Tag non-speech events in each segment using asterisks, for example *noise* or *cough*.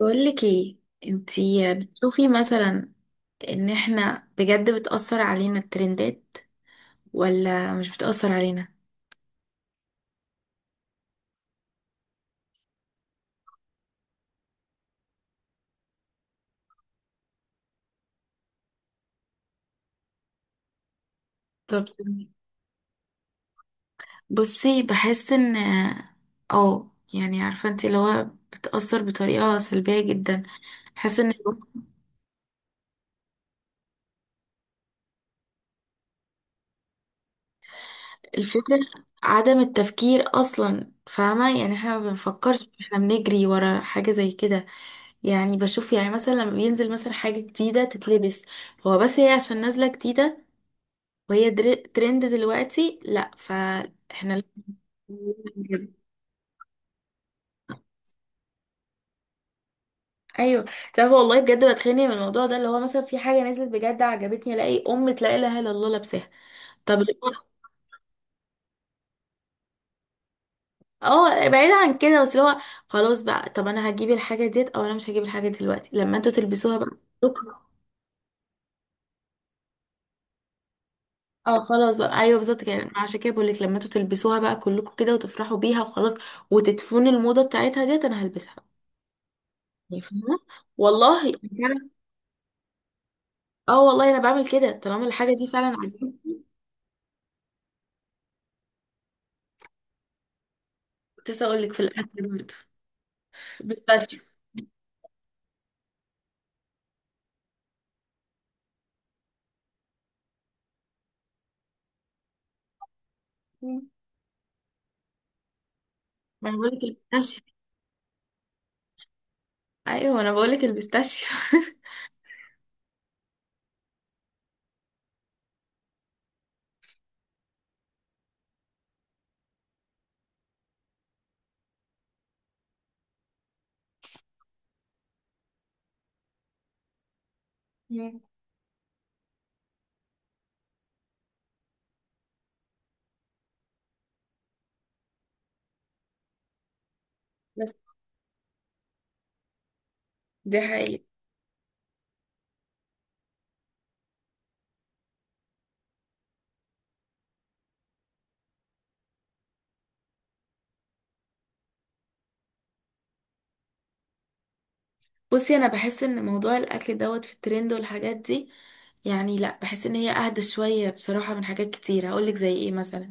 بقولك ايه، انتي بتشوفي مثلا ان احنا بجد بتأثر علينا الترندات ولا مش بتأثر علينا؟ طب تمام. بصي، بحس ان اه يعني عارفة انتي اللي هو بتأثر بطريقة سلبية جدا. بحس ان الفكرة عدم التفكير اصلا، فاهمة؟ يعني احنا ما بنفكرش، احنا بنجري ورا حاجة زي كده. يعني بشوف يعني مثلا لما بينزل مثلا حاجة جديدة تتلبس، هو بس هي عشان نازلة جديدة، وهي ترند دلوقتي، لا فاحنا لازم- *laughs* ايوه. تعرف والله بجد بتخانق من الموضوع ده اللي هو مثلا في حاجه نزلت بجد عجبتني، الاقي ام لا اله الا الله لابساها. طب اللي هو- اه، بعيد عن كده، بس اللي هو خلاص بقى، طب انا هجيب الحاجه ديت او انا مش هجيب الحاجه دلوقتي لما انتوا تلبسوها بقى كلكم. اه خلاص بقى، ايوه بالظبط كده، أنا عشان كده بقول لك لما انتوا تلبسوها بقى كلكم كده وتفرحوا بيها وخلاص وتدفنوا الموضه بتاعتها ديت انا هلبسها، يعني فاهمه؟ والله. اه والله انا بعمل كده طالما الحاجه دي فعلا عجبتني. كنت لسه اقول لك في الاكل برضه، بيستاشيو. مم. ما انا بقول لك البيستاشيو، ايوه انا بقول لك البيستاشيو *laughs* مم. بس دي حقيقة. بصي، انا بحس ان موضوع الاكل دوت في الترند والحاجات دي يعني لا، بحس ان هي اهدى شويه بصراحه من حاجات كتير، هقول لك زي ايه مثلا،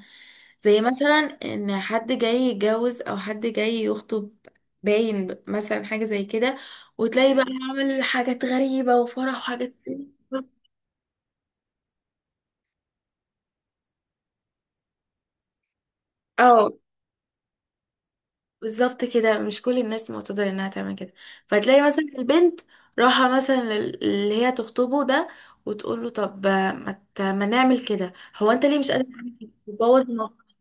زي مثلا ان حد جاي يتجوز او حد جاي يخطب، باين مثلا حاجه زي كده، وتلاقي بقى عامل حاجات غريبه وفرح وحاجات. اه بالظبط كده، مش كل الناس معتذر انها تعمل كده. فتلاقي مثلا البنت راحة مثلا اللي هي تخطبه ده، وتقول له طب ما نعمل كده، هو انت ليه مش قادر تعمل كده، تبوظ الموقف؟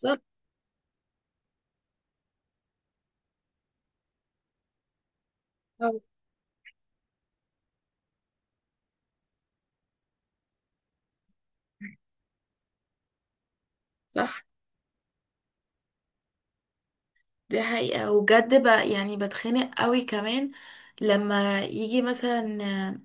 صح. أو صح، دي حقيقة. وبجد بقى يعني بتخنق قوي كمان لما يجي مثلا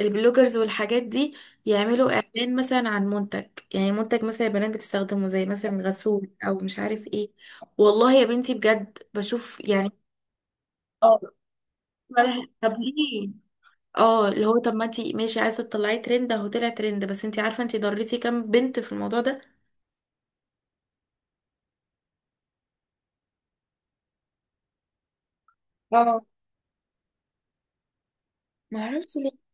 البلوجرز والحاجات دي، يعملوا اعلان مثلا عن منتج، يعني منتج مثلا البنات بتستخدمه زي مثلا غسول او مش عارف ايه. والله يا بنتي بجد بشوف يعني. اه طب ليه؟ اه اللي هو طب ما انتي ماشي عايزه تطلعي ترند، اهو طلع ترند، بس انتي عارفه انتي ضريتي كام بنت في الموضوع ده؟ اه ما عرفتش ليه.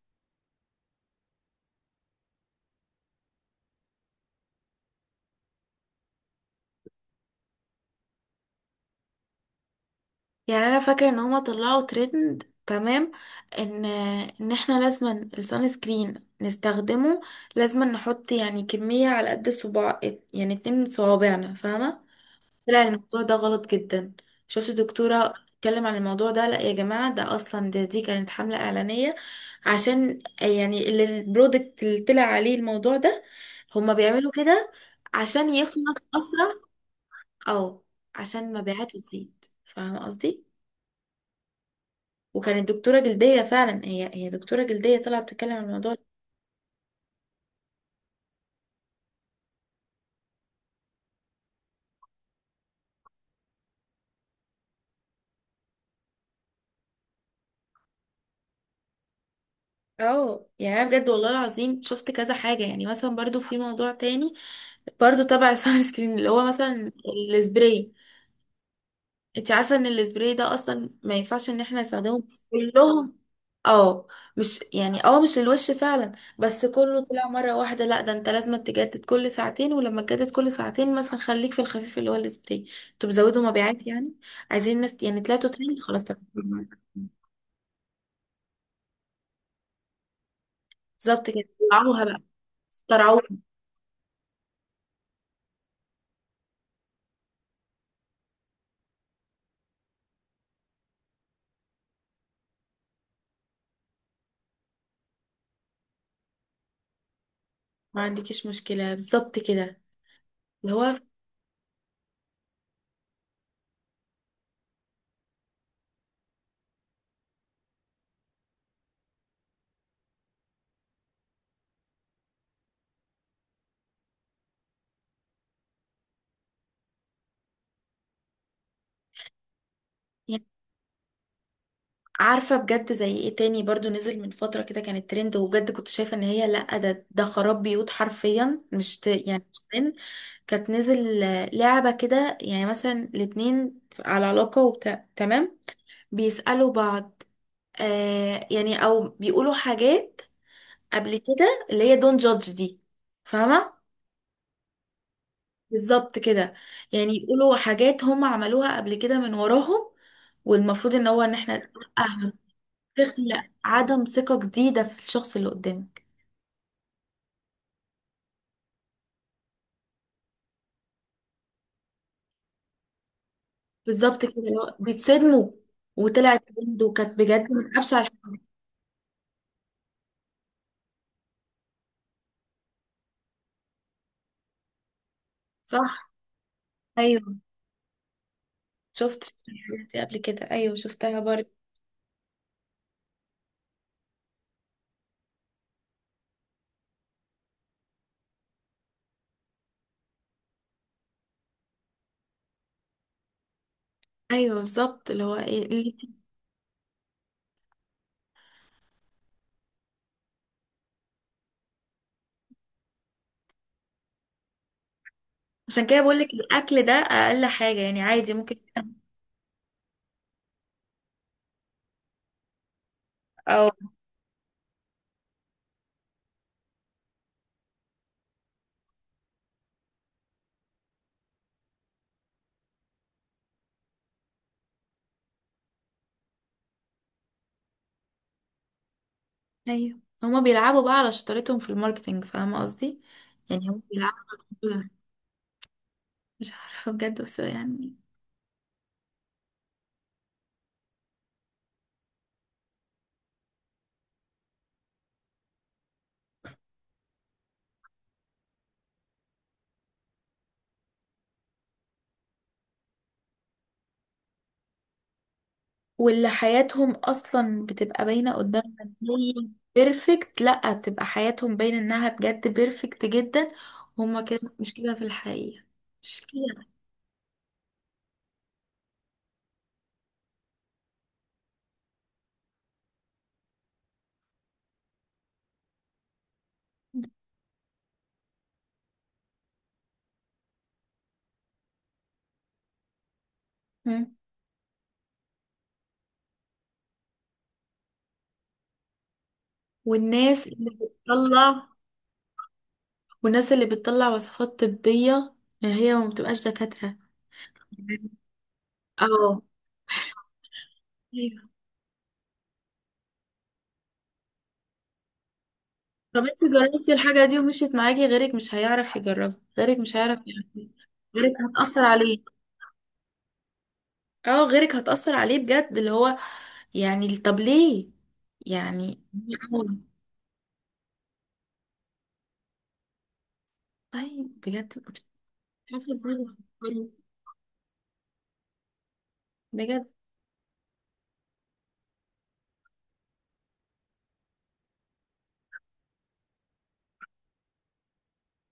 يعني انا فاكره ان هما طلعوا ترند، تمام؟ ان ان احنا لازما السان سكرين نستخدمه، لازما نحط يعني كميه على قد الصباع، يعني 2 من صوابعنا، فاهمه؟ طلع الموضوع ده غلط جدا. شفت دكتورة بتتكلم عن الموضوع ده، لا يا جماعة، ده أصلا، ده دي كانت حملة إعلانية عشان يعني البرودكت اللي طلع عليه الموضوع ده، هما بيعملوا كده عشان يخلص أسرع. أو عشان مبيعاته تزيد، فاهمة قصدي؟ وكانت دكتورة جلدية فعلا، هي دكتورة جلدية طالعة بتتكلم عن الموضوع ده. اه يعني انا بجد والله العظيم شفت كذا حاجه يعني. مثلا برضو في موضوع تاني برضو تبع السان سكرين اللي هو مثلا السبراي. انت عارفة ان السبراي ده اصلا ما ينفعش ان احنا نستخدمه بس *laughs* كلهم. اه مش يعني اه مش الوش فعلا، بس كله طلع مرة واحدة، لا ده انت لازم تجدد كل ساعتين، ولما تجدد كل ساعتين مثلا خليك في الخفيف اللي هو السبراي. انتوا بتزودوا مبيعات يعني، عايزين ناس يعني، طلعتوا ترند خلاص تمام. بالظبط كده، طلعوها بقى، طلعوها. ما عندكيش مشكلة بالظبط كده اللي هو. عارفة بجد زي ايه تاني برضو نزل من فترة كده كانت ترند، وبجد كنت شايفة ان هي لا، ده خراب بيوت حرفيا، مش ت... يعني مش ترند. كانت نزل لعبة كده يعني مثلا الاتنين على علاقة وبتاع، تمام؟ بيسألوا بعض آه، يعني او بيقولوا حاجات قبل كده اللي هي دون جادج دي، فاهمة؟ بالظبط كده، يعني يقولوا حاجات هم عملوها قبل كده من وراهم، والمفروض ان هو ان احنا نتوقع، تخلق عدم ثقة جديدة في الشخص اللي قدامك. بالظبط كده اللي هو بيتصدموا، وطلعت ترند، وكانت بجد من أبشع الحاجات. صح. أيوه، شفت الحاجات دي قبل كده، أيوه شفتها برضه. أيوه بالظبط اللي هو إيه اللي... عشان كده بقولك الأكل ده أقل حاجة يعني عادي ممكن. أو أيوه، هما بيلعبوا بقى على شطارتهم في الماركتينج، فاهمة قصدي؟ يعني هما بيلعبوا على الموضوع ده. مش عارفة بجد بس يعني، واللي حياتهم اصلا بتبقى باينه قدامنا إن هي بيرفكت، لا بتبقى حياتهم باينه انها بجد بيرفكت جدا. هما كده مش كده في الحقيقه، مش كده. مم. والناس اللي بتطلع، والناس اللي بتطلع وصفات طبيه هي ما بتبقاش دكاتره. اه أيوة. طب انت جربتي الحاجه دي ومشيت معاكي، غيرك مش هيعرف يجربها، غيرك مش هيعرف يعمل، غيرك هتأثر عليه. اه غيرك هتأثر عليه بجد اللي هو، يعني طب ليه يعني؟ طيب بجد مش عارفه ازاي بفكروا. بجد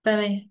تمام